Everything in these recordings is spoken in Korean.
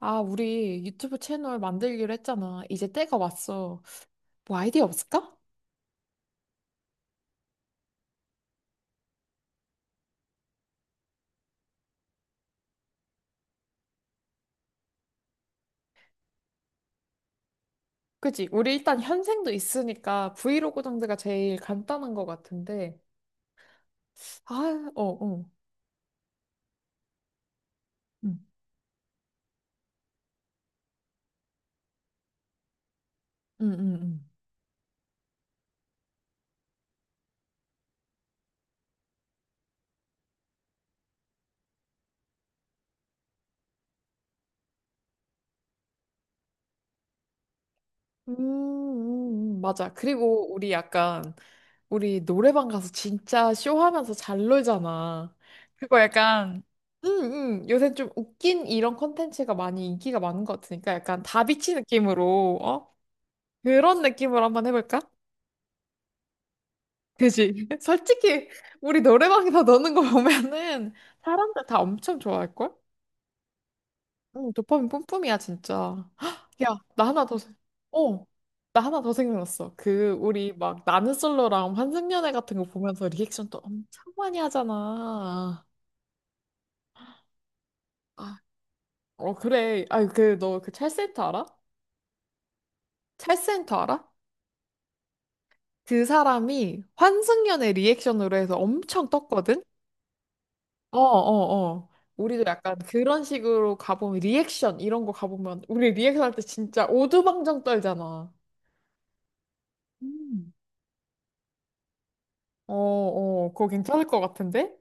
아, 우리 유튜브 채널 만들기로 했잖아. 이제 때가 왔어. 뭐 아이디어 없을까? 그치? 우리 일단 현생도 있으니까 브이로그 정도가 제일 간단한 것 같은데. 아, 어, 어. 응, 응, 응. 응. 맞아. 그리고 우리 약간, 우리 노래방 가서 진짜 쇼하면서 잘 놀잖아. 그거 약간, 응, 응. 요새 좀 웃긴 이런 콘텐츠가 많이 인기가 많은 것 같으니까 약간 다비치 느낌으로, 어? 그런 느낌으로 한번 해볼까? 그지? 솔직히 우리 노래방에서 노는 거 보면은 사람들 다 엄청 좋아할걸? 응, 도파민 뿜뿜이야 진짜. 야, 나 하나 더, 어, 나 하나 더 생각났어. 그 우리 막 나는 솔로랑 환승연애 같은 거 보면서 리액션 또 엄청 많이 하잖아. 아, 어 그래. 아, 그 너 그 찰센터 알아? 찰센터 알아? 그 사람이 환승연애 리액션으로 해서 엄청 떴거든? 어, 어, 어. 우리도 약간 그런 식으로 가보면 리액션 이런 거 가보면 우리 리액션 할 때 진짜 오두방정 떨잖아. 음. 어, 어. 그거 괜찮을 것 같은데?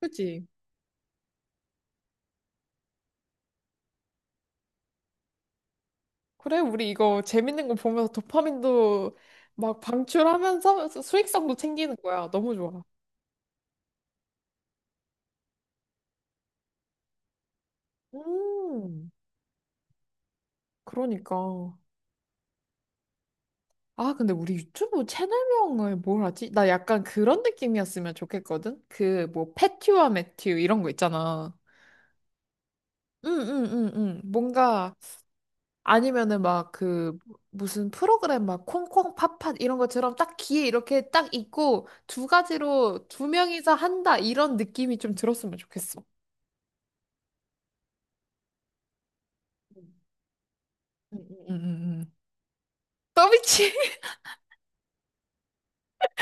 그치? 그래, 우리 이거 재밌는 거 보면서 도파민도 막 방출하면서 수익성도 챙기는 거야. 너무 좋아. 음, 그러니까. 아, 근데 우리 유튜브 채널명을 뭘 하지? 나 약간 그런 느낌이었으면 좋겠거든? 그, 뭐, 패튜와 매튜 이런 거 있잖아. 응응응응 뭔가 아니면은 막 그 무슨 프로그램 막 콩콩 팥팥 이런 것처럼 딱 귀에 이렇게 딱 있고 두 가지로 두 명이서 한다 이런 느낌이 좀 들었으면 좋겠어. 응응응응 더비치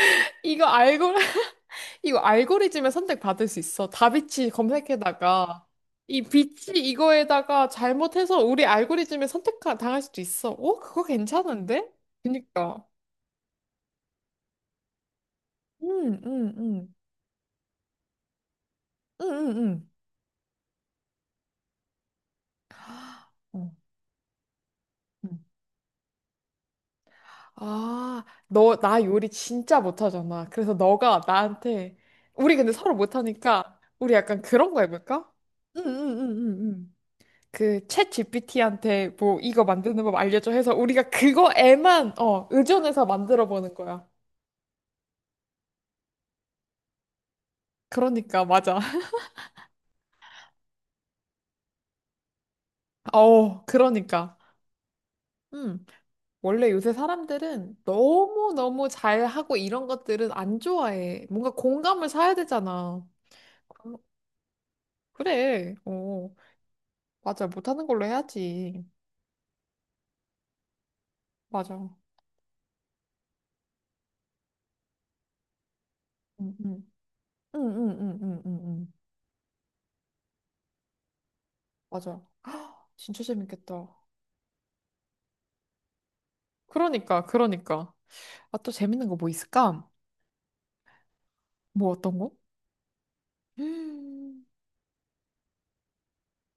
이거 알고 이거 알고리즘에 선택받을 수 있어. 다비치 검색에다가 이 비치 이거에다가 잘못해서 우리 알고리즘에 선택 당할 수도 있어. 어 그거 괜찮은데? 그니까. 응응응응응응 음. 아, 나 요리 진짜 못하잖아. 그래서 너가 나한테, 우리 근데 서로 못하니까, 우리 약간 그런 거 해볼까? 응, 응, 응, 응, 응. 그, 챗 GPT한테 뭐, 이거 만드는 법 알려줘 해서 우리가 그거에만, 어, 의존해서 만들어 보는 거야. 그러니까, 맞아. 어, 그러니까. 음, 원래 요새 사람들은 너무너무 잘하고 이런 것들은 안 좋아해. 뭔가 공감을 사야 되잖아. 그- 그래, 어. 맞아. 못하는 걸로 해야지. 맞아. 응, 응. 응, 응, 응, 응, 응, 응. 맞아. 헉, 진짜 재밌겠다. 그러니까, 그러니까. 아, 또 재밌는 거 뭐 있을까? 뭐 어떤 거? 음,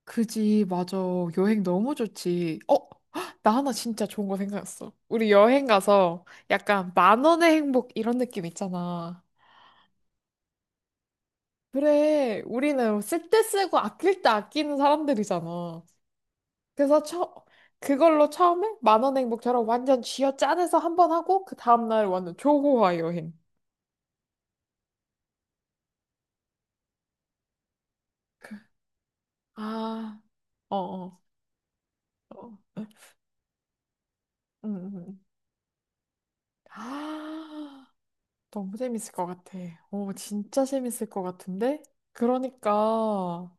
그지, 맞아. 여행 너무 좋지. 어? 헉, 나 하나 진짜 좋은 거 생각났어. 우리 여행 가서 약간 만 원의 행복 이런 느낌 있잖아. 그래, 우리는 쓸 때 쓰고 아낄 때 아끼는 사람들이잖아. 그래서 처, 그걸로 처음에 10,000원 행복처럼 완전 쥐어 짜내서 한 번 하고 그 다음날 완전 초호화 여행. 아, 어, 어, 어. 음, 음. 아, 너무 재밌을 것 같아. 오, 진짜 재밌을 것 같은데? 그러니까,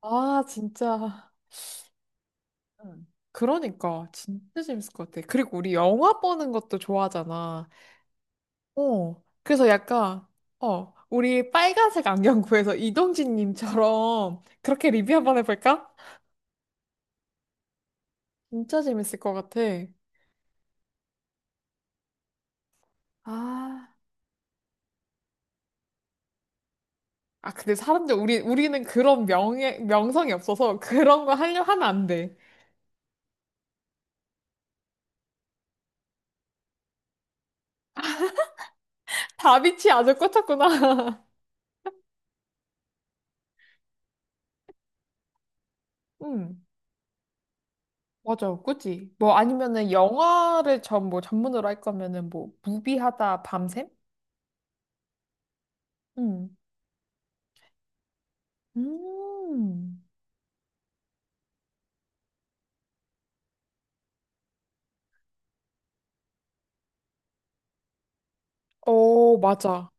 아, 진짜. 응. 그러니까, 진짜 재밌을 것 같아. 그리고 우리 영화 보는 것도 좋아하잖아. 어, 그래서 약간, 우리 빨간색 안경 구해서 이동진님처럼 그렇게 리뷰 한번 해볼까? 진짜 재밌을 것 같아. 아, 아, 근데 사람들, 우리는 그런 명예, 명성이 없어서 그런 거 하려 하면 안 돼. 다비치 아주 꽂혔구나. 음, 맞아, 그지뭐 아니면은 영화를 뭐 전문으로 할 거면은 뭐, 무비하다 밤샘? 음, 음. 오 맞아.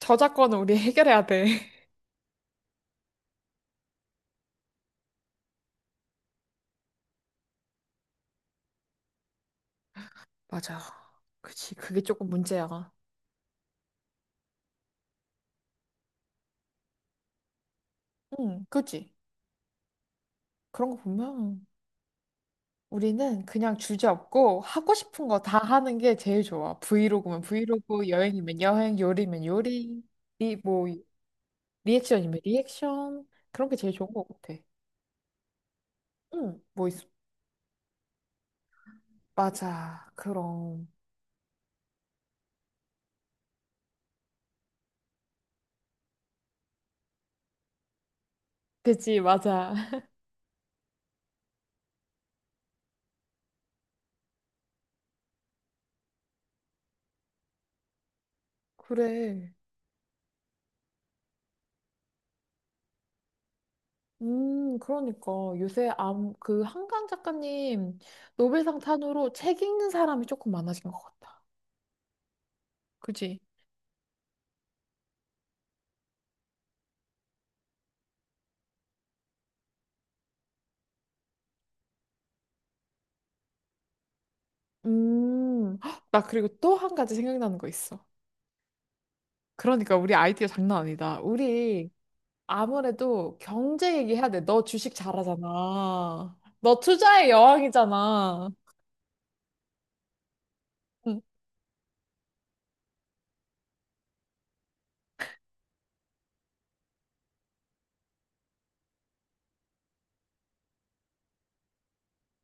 저작권은 우리 해결해야 돼. 맞아. 그치. 그게 조금 문제야. 응, 그치. 그런 거 보면 우리는 그냥 주제 없고 하고 싶은 거 다 하는 게 제일 좋아. 브이로그면 브이로그, 여행이면 여행, 요리면 요리, 뭐, 리액션이면 리액션. 그런 게 제일 좋은 것 같아. 응, 뭐 있어. 맞아. 그럼. 그치, 맞아. 그래. 그러니까 요새 그 한강 작가님 노벨상 탄으로 책 읽는 사람이 조금 많아진 것 같다. 그치? 헉, 나 그리고 또 한 가지 생각나는 거 있어. 그러니까 우리 아이디어 장난 아니다. 우리 아무래도 경제 얘기해야 돼. 너 주식 잘하잖아. 너 투자의 여왕이잖아. 응,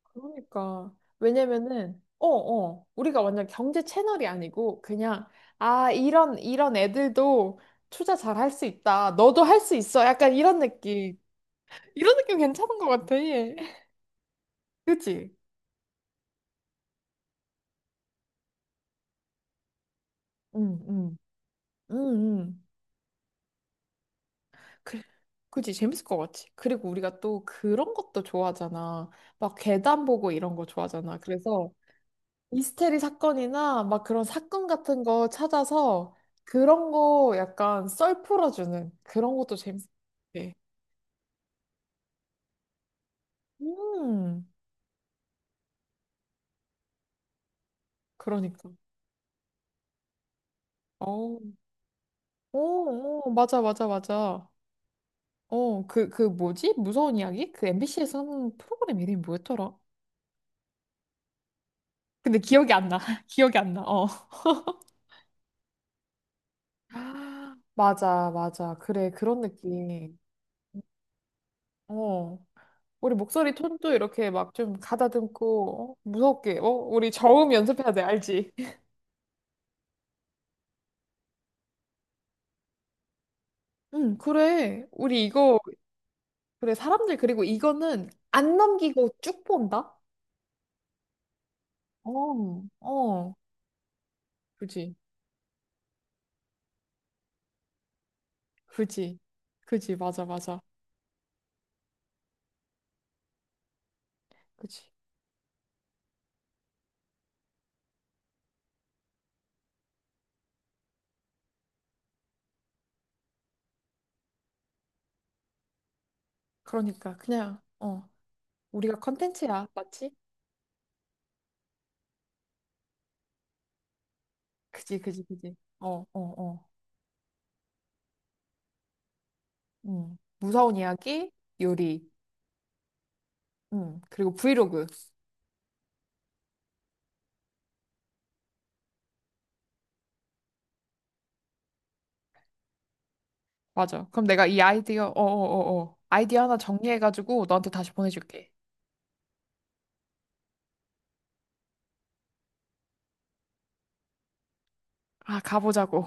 그러니까. 왜냐면은, 어, 어. 우리가 완전 경제 채널이 아니고, 그냥, 아, 이런 애들도 투자 잘할 수 있다. 너도 할 수 있어. 약간 이런 느낌. 이런 느낌 괜찮은 것 같아. 예. 그치? 응, 응. 응, 응. 그, 그치, 재밌을 것 같지. 그리고 우리가 또 그런 것도 좋아하잖아. 막 계단 보고 이런 거 좋아하잖아. 그래서 미스테리 사건이나 막 그런 사건 같은 거 찾아서 그런 거 약간 썰 풀어주는 그런 것도 재밌을 것 같아. 음, 그러니까. 어, 오, 오, 맞아, 맞아, 맞아. 어, 그 뭐지? 무서운 이야기? 그 MBC에서 하는 프로그램 이름이 뭐였더라? 근데 기억이 안 나. 기억이 안 나. 어. 맞아, 맞아. 그래, 그런 느낌. 어. 우리 목소리 톤도 이렇게 막 좀 가다듬고, 무섭게, 어? 우리 저음 연습해야 돼, 알지? 응, 그래. 우리 이거, 그래, 사람들, 그리고 이거는 안 넘기고 쭉 본다? 어, 어. 그지, 그지, 그지, 맞아, 맞아. 그지. 그러니까, 그냥, 어. 우리가 컨텐츠야, 맞지? 그지, 그지, 그지. 어, 어, 어. 무서운 이야기, 요리. 그리고 브이로그. 맞아. 그럼 내가 이 아이디어, 어어어어. 아이디어 하나 정리해가지고 너한테 다시 보내줄게. 아, 가보자고.